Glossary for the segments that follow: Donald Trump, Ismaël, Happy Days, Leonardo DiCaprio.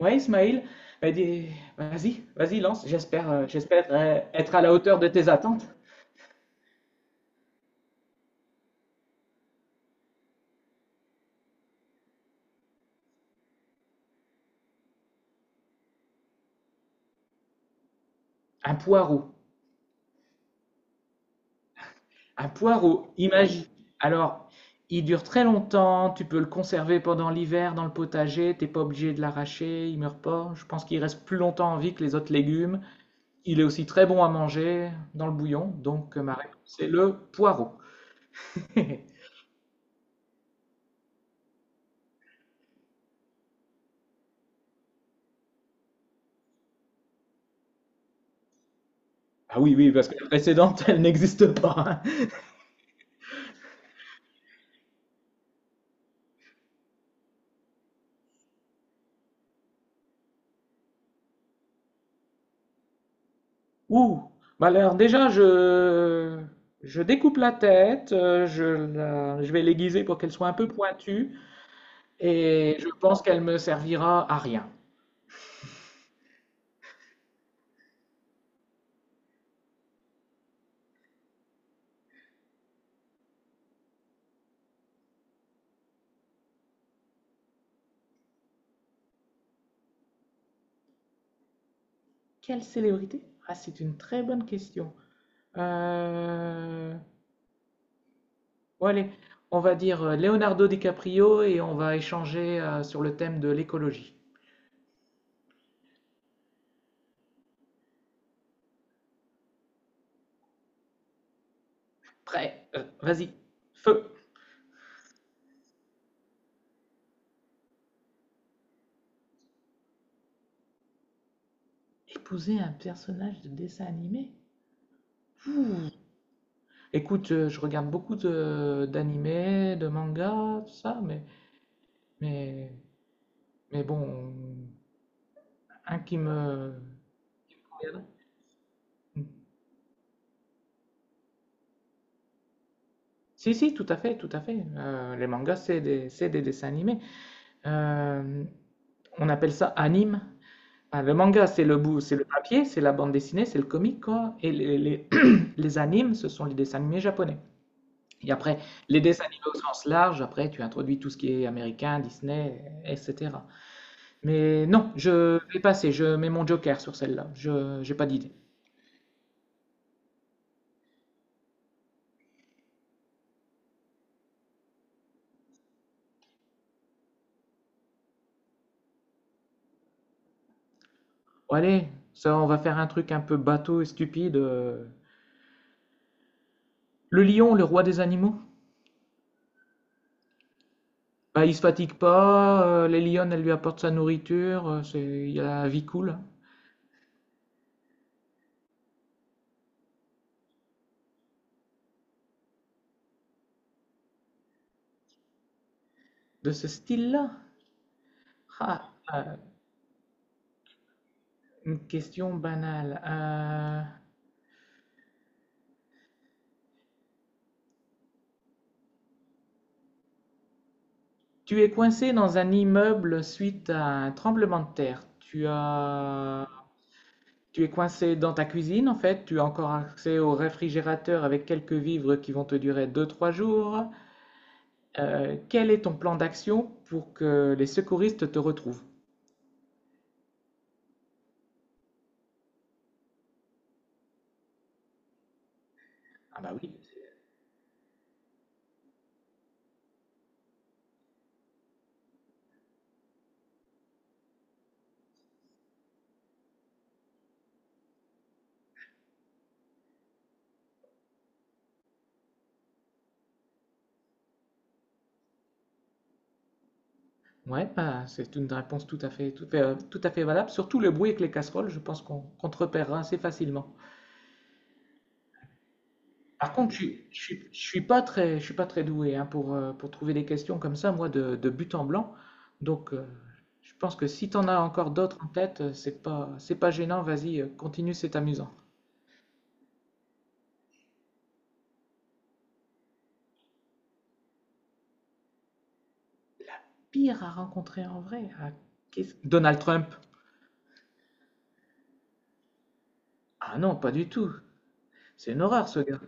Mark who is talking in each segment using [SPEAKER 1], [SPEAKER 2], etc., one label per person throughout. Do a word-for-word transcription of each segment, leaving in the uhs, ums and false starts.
[SPEAKER 1] Ouais, Ismaël, bah, dis- vas-y, vas-y, lance. J'espère, euh, j'espère euh, être à la hauteur de tes attentes. Un poireau. Un poireau, imagine. Alors, il dure très longtemps, tu peux le conserver pendant l'hiver dans le potager, t'es pas obligé de l'arracher, il meurt pas. Je pense qu'il reste plus longtemps en vie que les autres légumes. Il est aussi très bon à manger dans le bouillon, donc euh, ma réponse c'est le poireau. Ah oui, oui, parce que la précédente, elle n'existe pas. Ouh, bah alors déjà, je, je découpe la tête, euh, je, la- je vais l'aiguiser pour qu'elle soit un peu pointue et je pense qu'elle me servira à rien. Quelle célébrité? Ah, c'est une très bonne question. Euh, bon, allez, on va dire euh, Leonardo DiCaprio et on va échanger euh, sur le thème de l'écologie. Prêt? Euh, vas-y, feu! Épouser un personnage de dessin animé? Écoute, euh, je regarde beaucoup de- d'animés, de mangas, tout ça, mais Mais, mais bon, un qui me... Si, si, tout à fait, tout à fait. Euh, les mangas, c'est des, c'est des dessins animés. Euh, on appelle ça anime. Ah, le manga, c'est le bout, c'est le papier, c'est la bande dessinée, c'est le comic, quoi. Et les, les, les animes, ce sont les dessins animés japonais. Et après, les dessins animés au sens large, après, tu introduis tout ce qui est américain, Disney, et cætera. Mais non, je vais passer, je mets mon joker sur celle-là. Je n'ai pas d'idée. Bon, allez, ça, on va faire un truc un peu bateau et stupide. euh. Le lion, le roi des animaux. Bah, il se fatigue pas, euh, les lionnes, elles lui apportent sa nourriture, euh, c'est, il a la vie cool. hein. De ce style-là? Ah, euh, une question banale. Euh, tu es coincé dans un immeuble suite à un tremblement de terre. Tu as... Tu es coincé dans ta cuisine, en fait. Tu as encore accès au réfrigérateur avec quelques vivres qui vont te durer deux trois jours. Euh, quel est ton plan d'action pour que les secouristes te retrouvent? Ah bah oui. Ouais, bah, c'est une réponse tout à fait, tout, euh, tout à fait valable. Surtout le bruit avec les casseroles, je pense qu'on qu'on te repérera assez facilement. Par contre, je, suis- je, suis- je suis pas très, je suis pas très doué hein, pour, euh, pour trouver des questions comme ça, moi, de, de but en blanc. Donc, euh, je pense que si t'en as encore d'autres en tête, euh, c'est pas, c'est pas gênant. Vas-y, euh, continue, c'est amusant. Pire à rencontrer en vrai. ah, qu'est-ce- Donald Trump. Ah non, pas du tout. C'est une horreur, ce gars.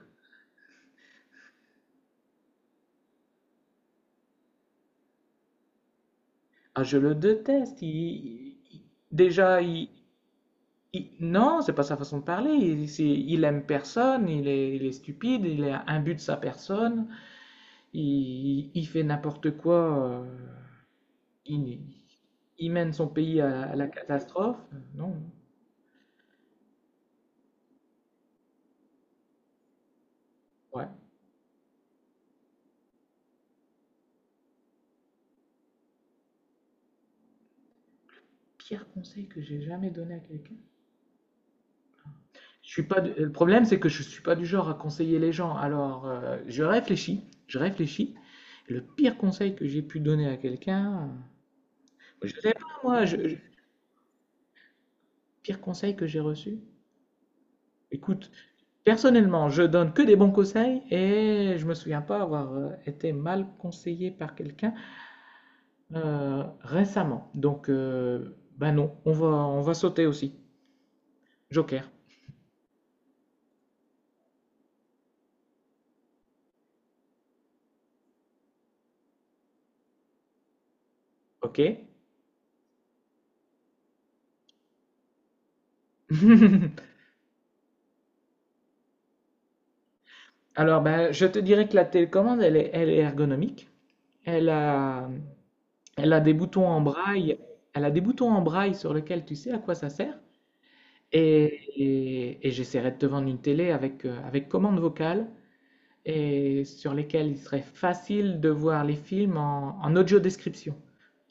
[SPEAKER 1] Ah, je le déteste. Il, il- déjà, il, il- non, c'est pas sa façon de parler. Il, c'est- il aime personne. Il est, il est stupide. Il est imbu de sa personne. Il, il- il fait n'importe quoi. euh, il, il mène son pays à, à la catastrophe. Non, ouais. Pire conseil que j'ai jamais donné à quelqu'un. Je suis pas. Du- Le problème, c'est que je suis pas du genre à conseiller les gens. Alors, euh, je réfléchis. Je réfléchis. Le pire conseil que j'ai pu donner à quelqu'un. euh, Je sais pas, moi, je, je- pire conseil que j'ai reçu. Écoute, personnellement, je donne que des bons conseils et je me souviens pas avoir euh, été mal conseillé par quelqu'un euh, récemment. Donc, euh, bah non, on va, on va sauter aussi. Joker, ok. Alors, ben, je te dirais que la télécommande, elle est, elle est ergonomique. Elle a, elle a des boutons en braille. Elle a des boutons en braille sur lesquels tu sais à quoi ça sert. Et et et j'essaierais de te vendre une télé avec, heu, avec commande vocale et sur lesquelles il serait facile de voir les films en en audio description.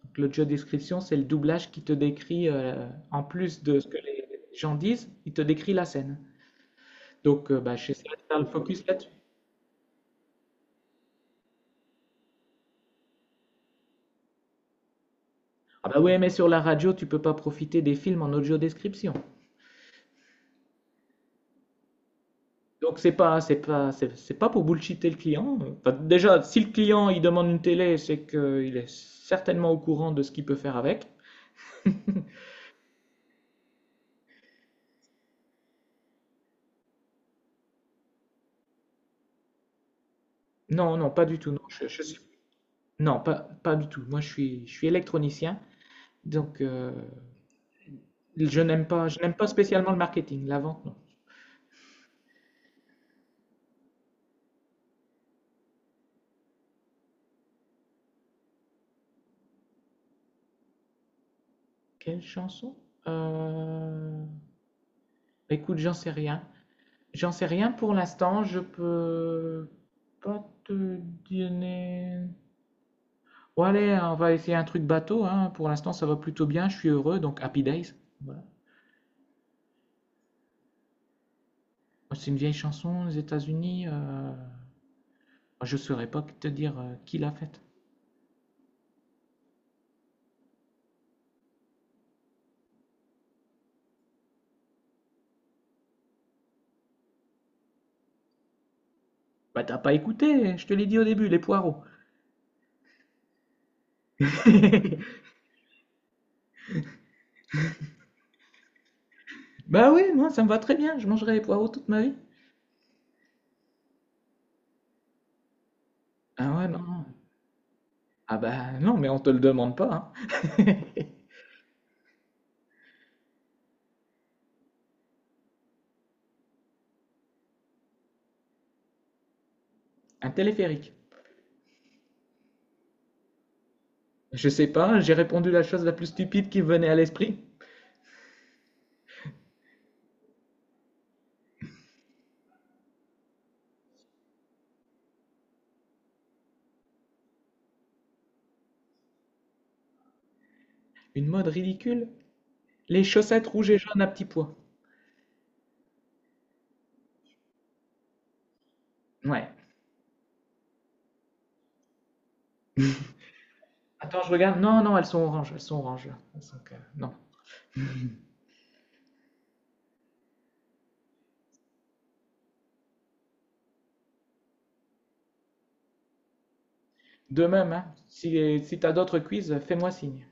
[SPEAKER 1] Donc l'audio description, c'est le doublage qui te décrit, heu, en plus de ce que les gens disent, il te décrit la scène. Donc heu, bah, j'essaierai de faire le focus là-dessus. Ah bah, ouais, mais sur la radio, tu peux pas profiter des films en audio description. Donc c'est pas c'est pas c'est c'est pas pour bullshiter le client. Enfin, déjà, si le client il demande une télé, c'est qu'il est certainement au courant de ce qu'il peut faire avec. Non, non, pas du tout. Non, je, je suis- non, pas pas du tout. Moi, je suis je suis électronicien, donc euh, je n'aime pas je n'aime pas spécialement le marketing, la vente, non. Quelle chanson? Euh, Écoute, j'en sais rien. J'en sais rien pour l'instant. Je peux pas te donner. Bon allez, on va essayer un truc bateau, hein. Pour l'instant, ça va plutôt bien, je suis heureux, donc Happy Days. Voilà. C'est une vieille chanson des États-Unis. euh, Je saurais pas te dire euh, qui l'a faite. Bah t'as pas écouté, je te l'ai dit au début, les poireaux. Bah oui, moi ça me va très bien, je mangerai les poireaux toute ma vie. Ah ouais, non. Ah bah non, mais on te le demande pas, hein. Un téléphérique. Je sais pas, j'ai répondu la chose la plus stupide qui me venait à l'esprit. Une mode ridicule. Les chaussettes rouges et jaunes à petits pois. Ouais, attends, je regarde. Non, non, elles sont oranges. Elles sont oranges. Elles sont Non. De même, hein, si, si tu as d'autres quiz, fais-moi signe.